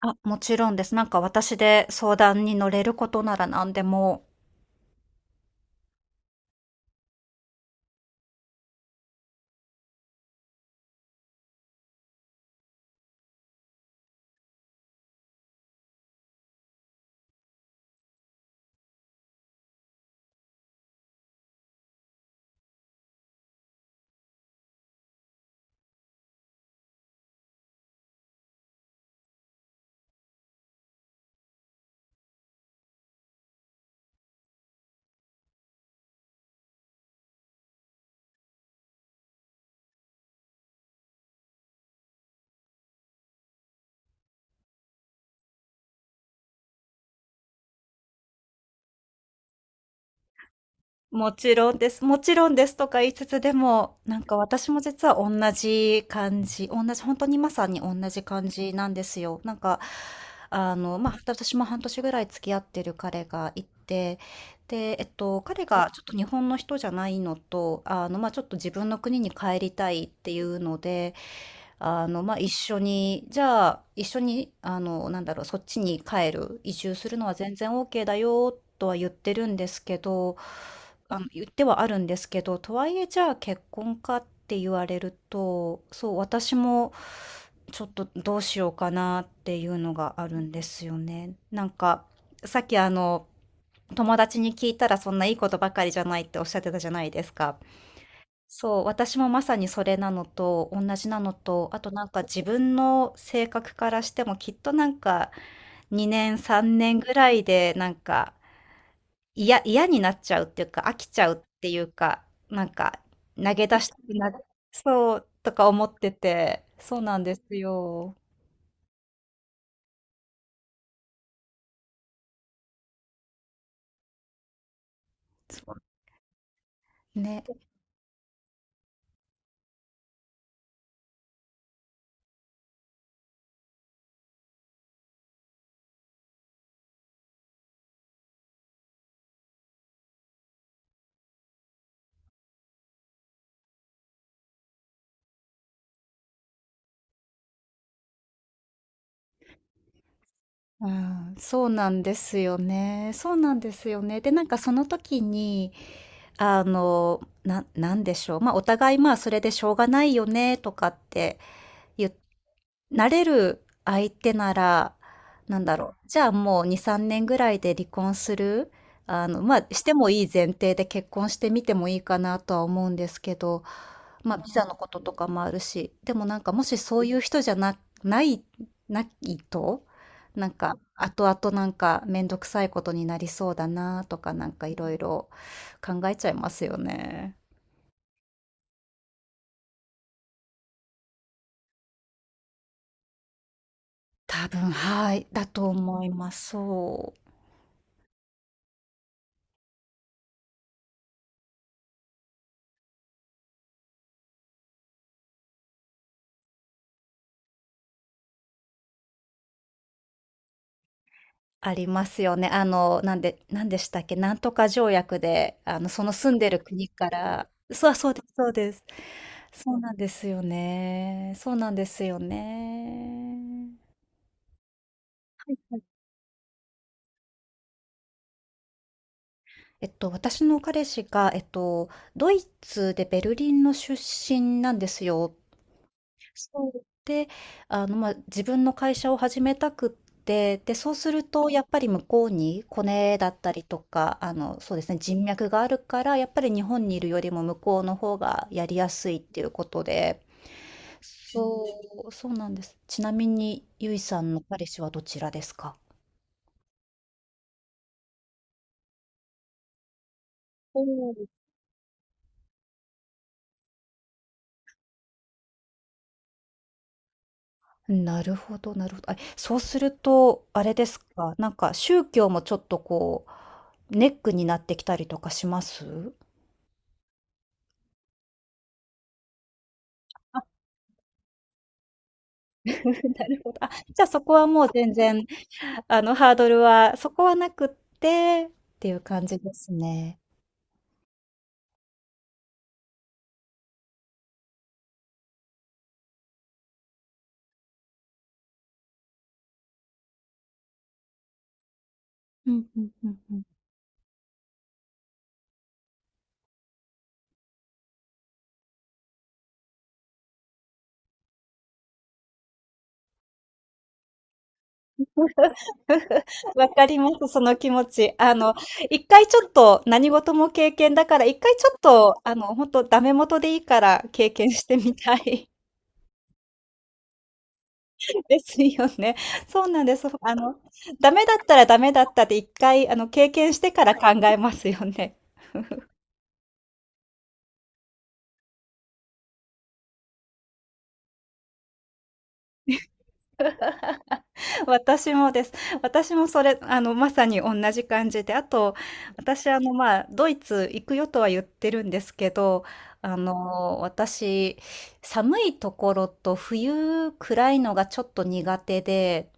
あ、もちろんです。なんか私で相談に乗れることなら何でも「もちろんです、もちろんです」とか言いつつ、でも、私も実は同じ感じ、同じ本当にまさに同じ感じなんですよ。まあ、私も半年ぐらい付き合ってる彼がいて、で、彼がちょっと日本の人じゃないのと、まあ、ちょっと自分の国に帰りたいっていうので、まあ、一緒に、そっちに帰る、移住するのは全然 OK だよ、とは言ってるんですけど、あの、言ってはあるんですけど、とはいえ、じゃあ結婚かって言われると、そう、私も、ちょっとどうしようかなっていうのがあるんですよね。なんか、さっきあの、友達に聞いたらそんないいことばかりじゃないっておっしゃってたじゃないですか。そう、私もまさにそれなのと同じなのと、あとなんか自分の性格からしてもきっとなんか2年3年ぐらいでなんか嫌になっちゃうっていうか飽きちゃうっていうか、なんか投げ出したくなる、そうとか思ってて、そうなんですよ。そうね。うん、そうなんですよね。そうなんですよね。で、なんかその時に、なんでしょう。まあ、お互いまあ、それでしょうがないよね、とかって言っなれる相手なら、なんだろう、じゃあもう2、3年ぐらいで離婚するあの、まあ、してもいい前提で結婚してみてもいいかなとは思うんですけど、まあ、ビザのこととかもあるし、でもなんかもしそういう人じゃな、ない、ないと、なんか後々なんかめんどくさいことになりそうだなとかなんかいろいろ考えちゃいますよね。多分、はい、だと思います。そう。ありますよね。なんでしたっけ、なんとか条約で、あの、その住んでる国から、そう、そうです、そうです。そうなんですよね。そうなんですよね。私の彼氏が、ドイツでベルリンの出身なんですよ。そう。で、あの、まあ、自分の会社を始めたくって、で、そうすると、やっぱり向こうにコネだったりとか、あの、そうですね、人脈があるから、やっぱり日本にいるよりも向こうの方がやりやすいっていうことで、そう、そうなんです。ちなみに、ゆいさんの彼氏はどちらですか？おなるほどなるほど。あ、そうすると、あれですか、なんか宗教もちょっとこう、ネックになってきたりとかします？あ、なるほど。あ、じゃあそこはもう全然、あの、ハードルはそこはなくってっていう感じですね。うんうんうんうん。わかります、その気持ち。あの、一回ちょっと何事も経験だから、一回ちょっと、あの、ほんとダメ元でいいから経験してみたい。ですよね。そうなんです。あの、ダメだったらダメだったって一回、あの、経験してから考えますよね。私もです。私もそれ、あの、まさに同じ感じで、あと、私、あの、まあ、ドイツ行くよとは言ってるんですけど、あの、私、寒いところと冬暗いのがちょっと苦手で、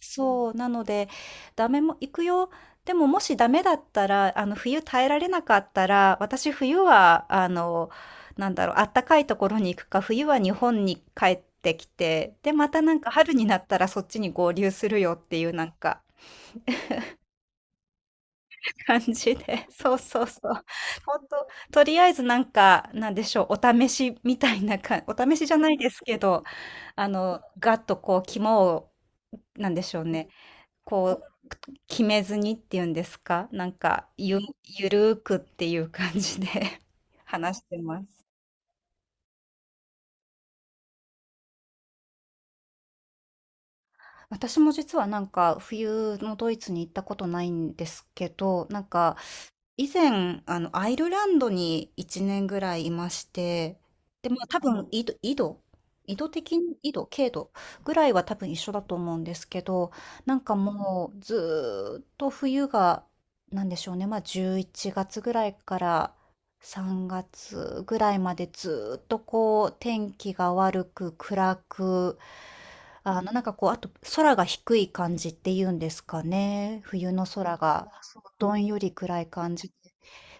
そう、なので、ダメも行くよ。でももしダメだったら、あの、冬耐えられなかったら、私冬は、あったかいところに行くか、冬は日本に帰ってきて、で、またなんか春になったらそっちに合流するよっていうなんか感じで、そうそうそう。本当と、とりあえずなんか、なんでしょう、お試しみたいなか、お試しじゃないですけど、あの、ガッとこう、肝を、なんでしょうね、こう、決めずにっていうんですか、ゆるーくっていう感じで 話してます。私も実はなんか冬のドイツに行ったことないんですけど、なんか以前あのアイルランドに1年ぐらいいまして、で、まあ多分緯度的に経度ぐらいは多分一緒だと思うんですけど、なんかもうずーっと冬がなんでしょうね、まあ11月ぐらいから3月ぐらいまでずっとこう天気が悪く暗く、あのなんかこう、あと空が低い感じっていうんですかね。冬の空がそうどんより暗い感じで。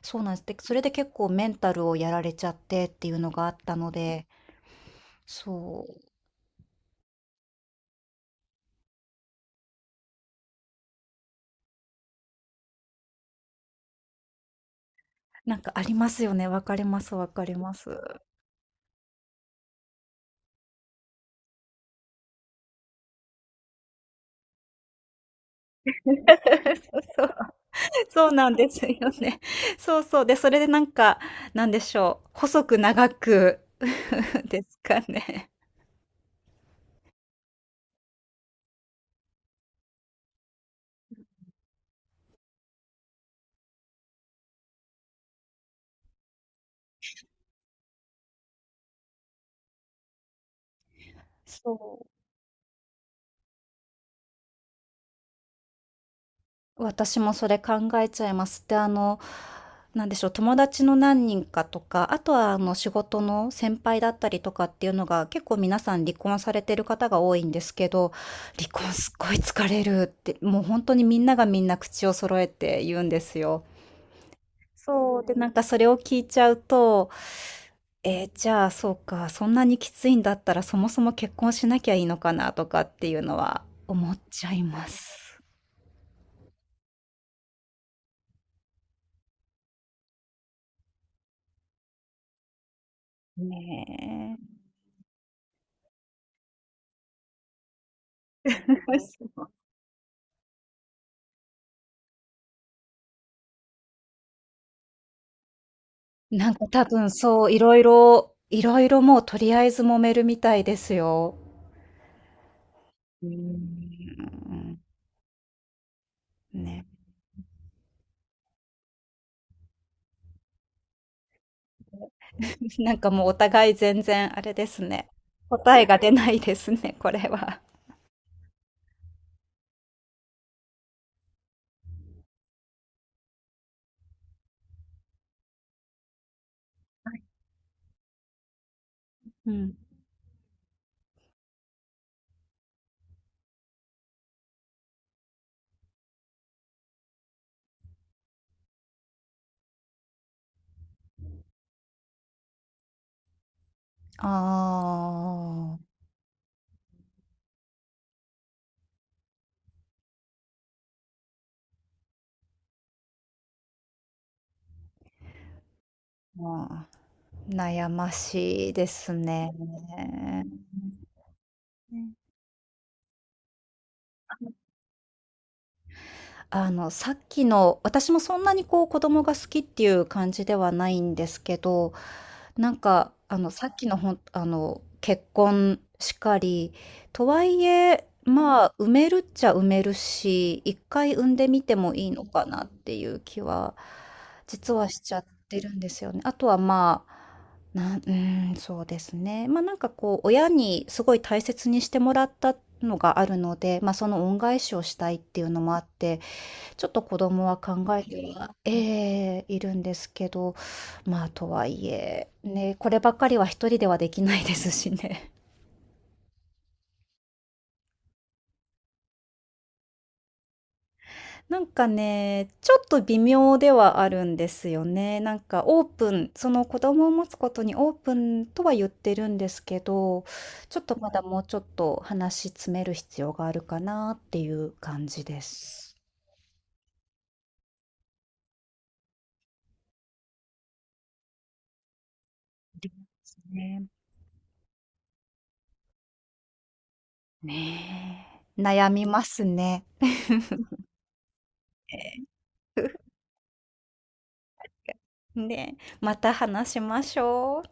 そうなんです。で、それで結構メンタルをやられちゃってっていうのがあったので、そう。なんかありますよね。わかります、わかります。そうそうそうなんですよね。そうそう。で、それでなんか、なんでしょう、細く長く ですかね。そう。私もそれ考えちゃいます。で、あの、なんでしょう、友達の何人かとか、あとはあの仕事の先輩だったりとかっていうのが結構皆さん離婚されてる方が多いんですけど、離婚すっごい疲れるって、もう本当にみんながみんな口を揃えて言うんですよ。そう。で、なんかそれを聞いちゃうと、えーじゃあ、そうか、そんなにきついんだったら、そもそも結婚しなきゃいいのかなとかっていうのは思っちゃいます。ねえ。なんか多分そう、いろいろもうとりあえず揉めるみたいですよ。うーん。うん、ね。なんかもうお互い全然あれですね。答えが出ないですね、これは。うん。あー、まあ、悩ましいですね。うんあの、さっきの私もそんなにこう子供が好きっていう感じではないんですけど、なんかあの、さっきのほんあの、結婚しかり、とはいえ、まあ、産めるっちゃ産めるし、1回産んでみてもいいのかなっていう気は、実はしちゃってるんですよね。あとはまあ、なんうーん、そうですね。なんかこう親にすごい大切にしてもらったのがあるので、その恩返しをしたいっていうのもあって、ちょっと子供は考えてはいるんですけど、まあ、とはいえ、ね、こればっかりは一人ではできないですしね。なんかね、ちょっと微妙ではあるんですよね。なんかオープン、その子供を持つことにオープンとは言ってるんですけど、ちょっとまだもうちょっと話し詰める必要があるかなっていう感じです。ね。ねえ、悩みますね。ねえ、また話しましょう。